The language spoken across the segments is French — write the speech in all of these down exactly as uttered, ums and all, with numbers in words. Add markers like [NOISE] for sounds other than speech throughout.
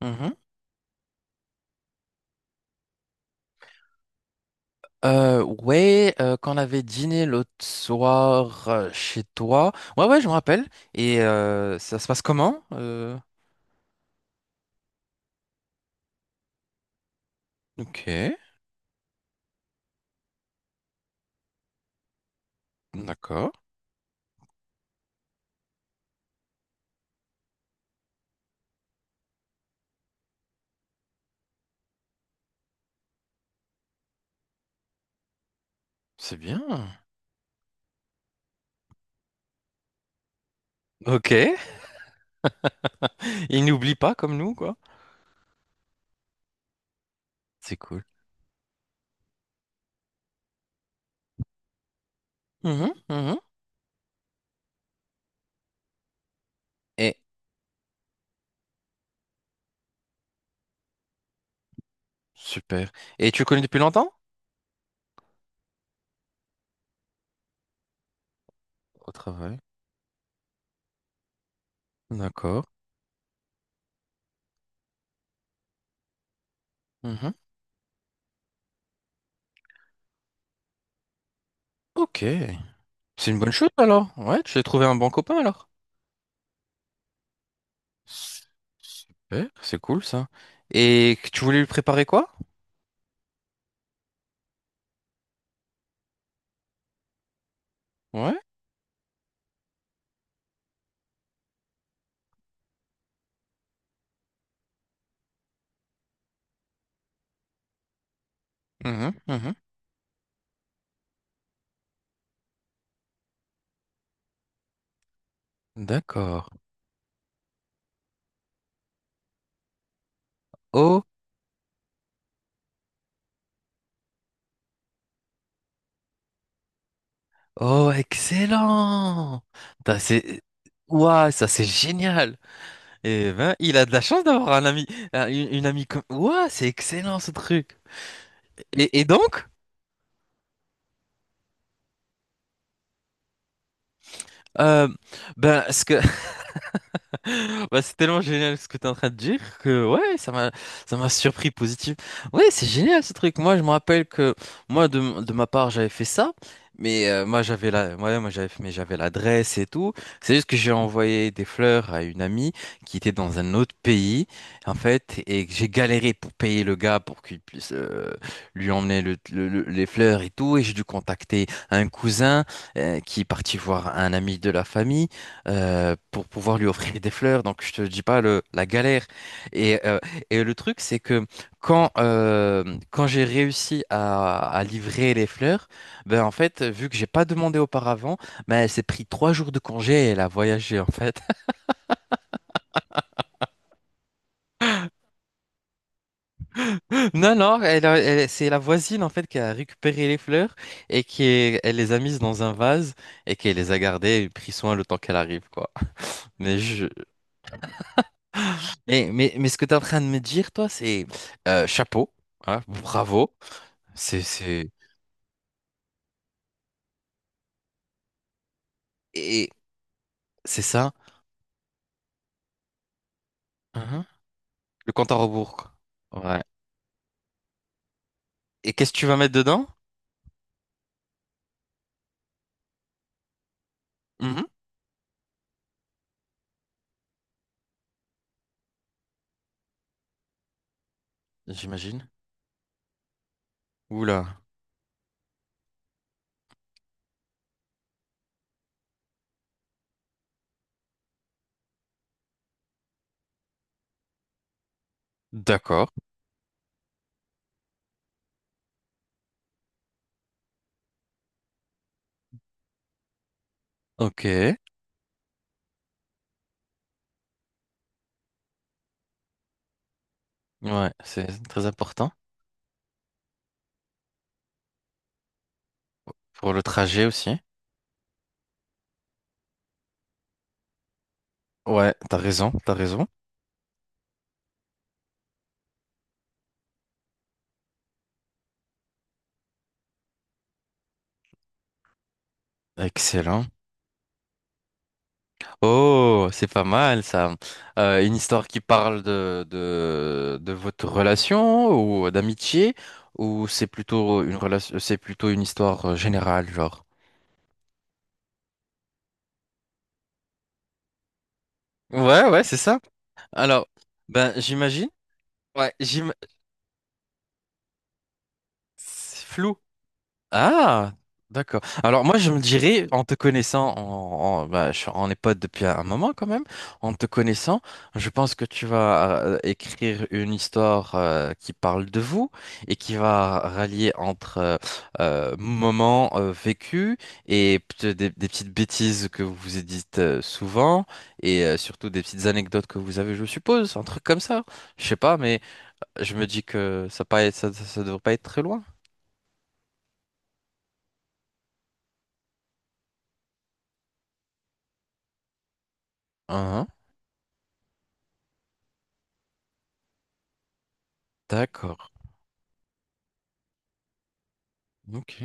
Mhm. Euh, ouais, euh, Quand on avait dîné l'autre soir euh, chez toi. Ouais, ouais, je me rappelle. Et euh, ça se passe comment? Euh, Ok, d'accord, c'est bien. Ok, [LAUGHS] il n'oublie pas comme nous, quoi. C'est cool. Mhm, mhm. Super. Et tu le connais depuis longtemps? Au travail. D'accord. Mhm. Ok. C'est une bonne chose alors. Ouais, tu as trouvé un bon copain alors. S- Super, c'est cool ça. Et que tu voulais lui préparer quoi? Ouais. Mhm, mhm. D'accord. Oh, oh, excellent. T'as- C'est... Ouah, ça c'est génial. Et ben, il a de la chance d'avoir un ami, un- une, une amie comme. Ouah, c'est excellent ce truc. Et, et donc, euh, ben, ce que bah, c'est tellement génial ce que tu es en train de dire que ouais, ça m'a ça m'a surpris positif. Ouais, c'est génial ce truc. Moi, je me rappelle que moi de, de ma part, j'avais fait ça, mais euh, moi j'avais la ouais, moi j'avais mais j'avais l'adresse et tout. C'est juste que j'ai envoyé des fleurs à une amie qui était dans un autre pays en fait et que j'ai galéré pour payer le gars pour qu'il puisse euh, lui emmener le- le- le- les fleurs et tout et j'ai dû contacter un cousin euh, qui est parti voir un ami de la famille euh, pour pouvoir lui offrir des fleurs. Donc, je te dis pas le, la galère. Et, euh, et le truc, c'est que quand, euh, quand j'ai réussi à, à livrer les fleurs, ben, en fait, vu que j'ai pas demandé auparavant, ben, elle s'est pris trois jours de congé et elle a voyagé, en fait. [LAUGHS] Non, non, elle a- elle- c'est la voisine, en fait, qui a récupéré les fleurs et qui est- elle les a mises dans un vase et qui les a gardées et pris soin le temps qu'elle arrive, quoi. Mais je, Mais, mais, mais ce que tu es en train de me dire, toi, c'est euh, chapeau, hein, bravo, c'est c'est et c'est ça. Mhm. Le compte à rebours, quoi. Ouais. Et qu'est-ce que tu vas mettre dedans? Mhm. J'imagine. Oula. D'accord. Ok. Ouais, c'est très important pour le trajet aussi. Ouais, t'as raison, t'as raison. Excellent. Oh, c'est pas mal ça. Euh, une histoire qui parle de, de, de votre relation ou d'amitié ou c'est plutôt une relation, c'est plutôt une histoire euh, générale, genre. Ouais, ouais, c'est ça. Alors, ben j'imagine. Ouais, j'im... c'est flou. Ah, d'accord. Alors moi, je me dirais, en te connaissant, en, en- bah, je- on est potes depuis un moment quand même, en te connaissant, je pense que tu vas euh, écrire une histoire euh, qui parle de vous et qui va rallier entre euh, euh, moments euh, vécus et peut-être des, des petites bêtises que vous vous dites euh, souvent et euh, surtout des petites anecdotes que vous avez, je suppose, un truc comme ça. Je sais pas, mais je me dis que ça, pas, ça, ça ça devrait pas être très loin. Hein. D'accord. Ok,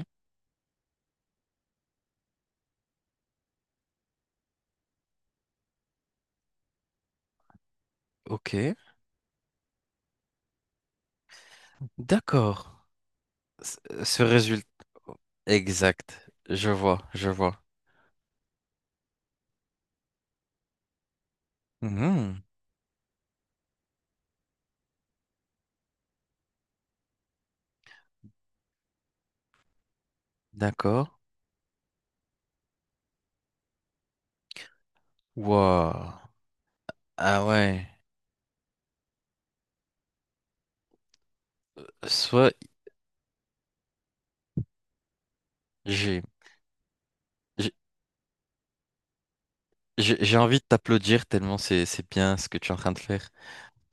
ok, d'accord. Ce Ce résultat exact, je vois, je vois. Mhm, d'accord. Waouh. Ah ouais. Soit j'ai j'ai j'ai j'ai envie de t'applaudir tellement c'est c'est bien ce que tu es en train de faire.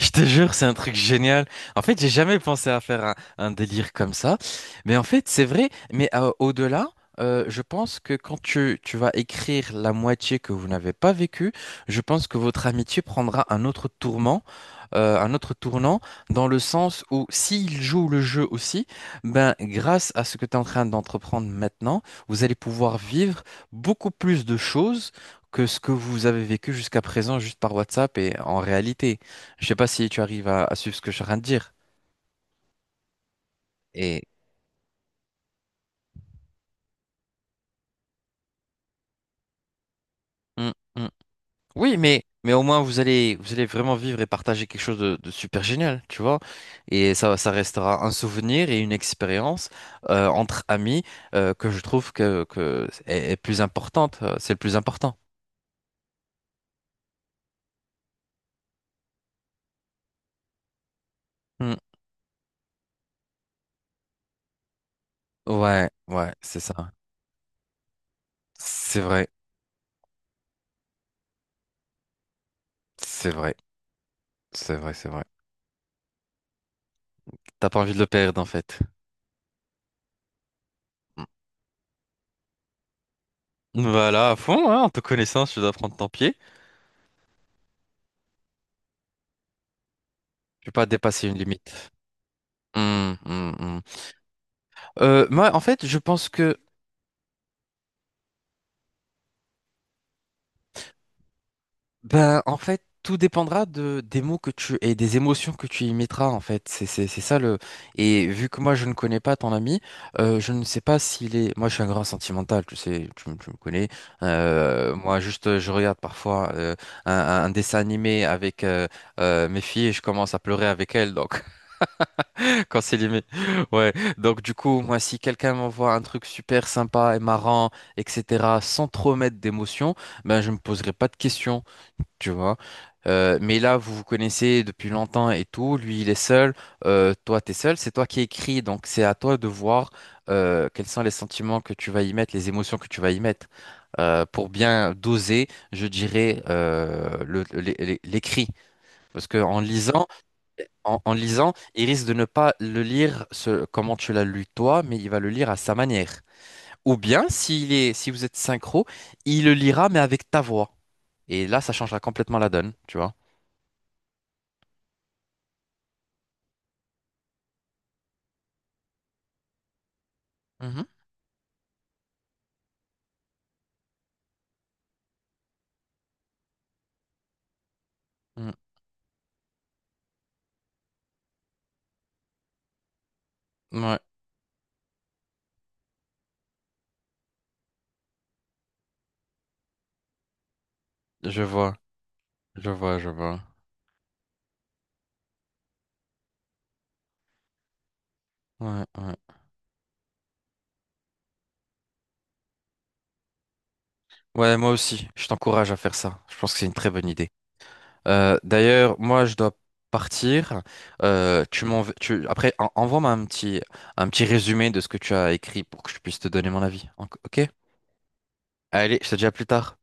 Je te jure, c'est un truc génial. En fait, j'ai jamais pensé à faire un, un délire comme ça. Mais en fait, c'est vrai. Mais euh, au-delà, euh, je pense que quand tu, tu vas écrire la moitié que vous n'avez pas vécue, je pense que votre amitié prendra un autre tourment euh, un autre tournant dans le sens où s'il joue le jeu aussi, ben, grâce à ce que tu es en train d'entreprendre maintenant, vous allez pouvoir vivre beaucoup plus de choses que ce que vous avez vécu jusqu'à présent juste par WhatsApp et en réalité. Je sais pas si tu arrives à, à suivre ce que je suis en train de dire. Et Mm, mm. Oui, mais, mais au moins vous allez, vous allez vraiment vivre et partager quelque chose de, de super génial, tu vois. Et ça, ça restera un souvenir et une expérience euh, entre amis euh, que je trouve que, que est, est plus importante. euh, C'est le plus important. Hmm. Ouais, ouais, c'est ça. C'est vrai, c'est vrai, c'est vrai, c'est vrai. T'as pas envie de le perdre en fait. Hmm. Voilà, à fond, hein, en te connaissant, si tu dois prendre ton pied. Tu peux pas dépasser une limite. Hmm, hmm, hmm. Euh, moi, en fait, je pense que ben, en fait, tout dépendra de, des mots que tu et des émotions que tu y mettras, en fait. C'est, c'est, c'est ça le. Et vu que moi, je ne connais pas ton ami, euh, je ne sais pas s'il est. Moi, je suis un grand sentimental, tu sais, tu, me tu me connais. Euh, moi, juste, euh, je regarde parfois euh, un, un- un dessin animé avec euh, euh, mes filles et je commence à pleurer avec elles, donc, [LAUGHS] quand c'est animé. Ouais. Donc, du coup, moi, si quelqu'un m'envoie un truc super sympa et marrant, et cetera, sans trop mettre d'émotion, ben, je ne me poserai pas de questions, tu vois. Euh, mais là, vous vous connaissez depuis longtemps et tout. Lui, il est seul. Euh, toi, t'es seul. C'est toi qui écris. Donc, c'est à toi de voir euh, quels sont les sentiments que tu vas y mettre, les émotions que tu vas y mettre. Euh, pour bien doser, je dirais, euh, le- le- l'é- l'écrit. Parce que en lisant, en, en lisant, il risque de ne pas le lire ce, comment tu l'as lu toi, mais il va le lire à sa manière. Ou bien, s'il est, si vous êtes synchro, il le lira, mais avec ta voix. Et là, ça changera complètement la donne, tu vois. Mhm, mhm. Ouais, je vois, je vois, je vois. Ouais, ouais. Ouais, moi aussi, je t'encourage à faire ça. Je pense que c'est une très bonne idée. Euh, d'ailleurs, moi, je dois partir. Euh, tu m'env- tu... Après, en- envoie-moi un petit, un petit résumé de ce que tu as écrit pour que je puisse te donner mon avis. En- Ok? Allez, je te dis à plus tard.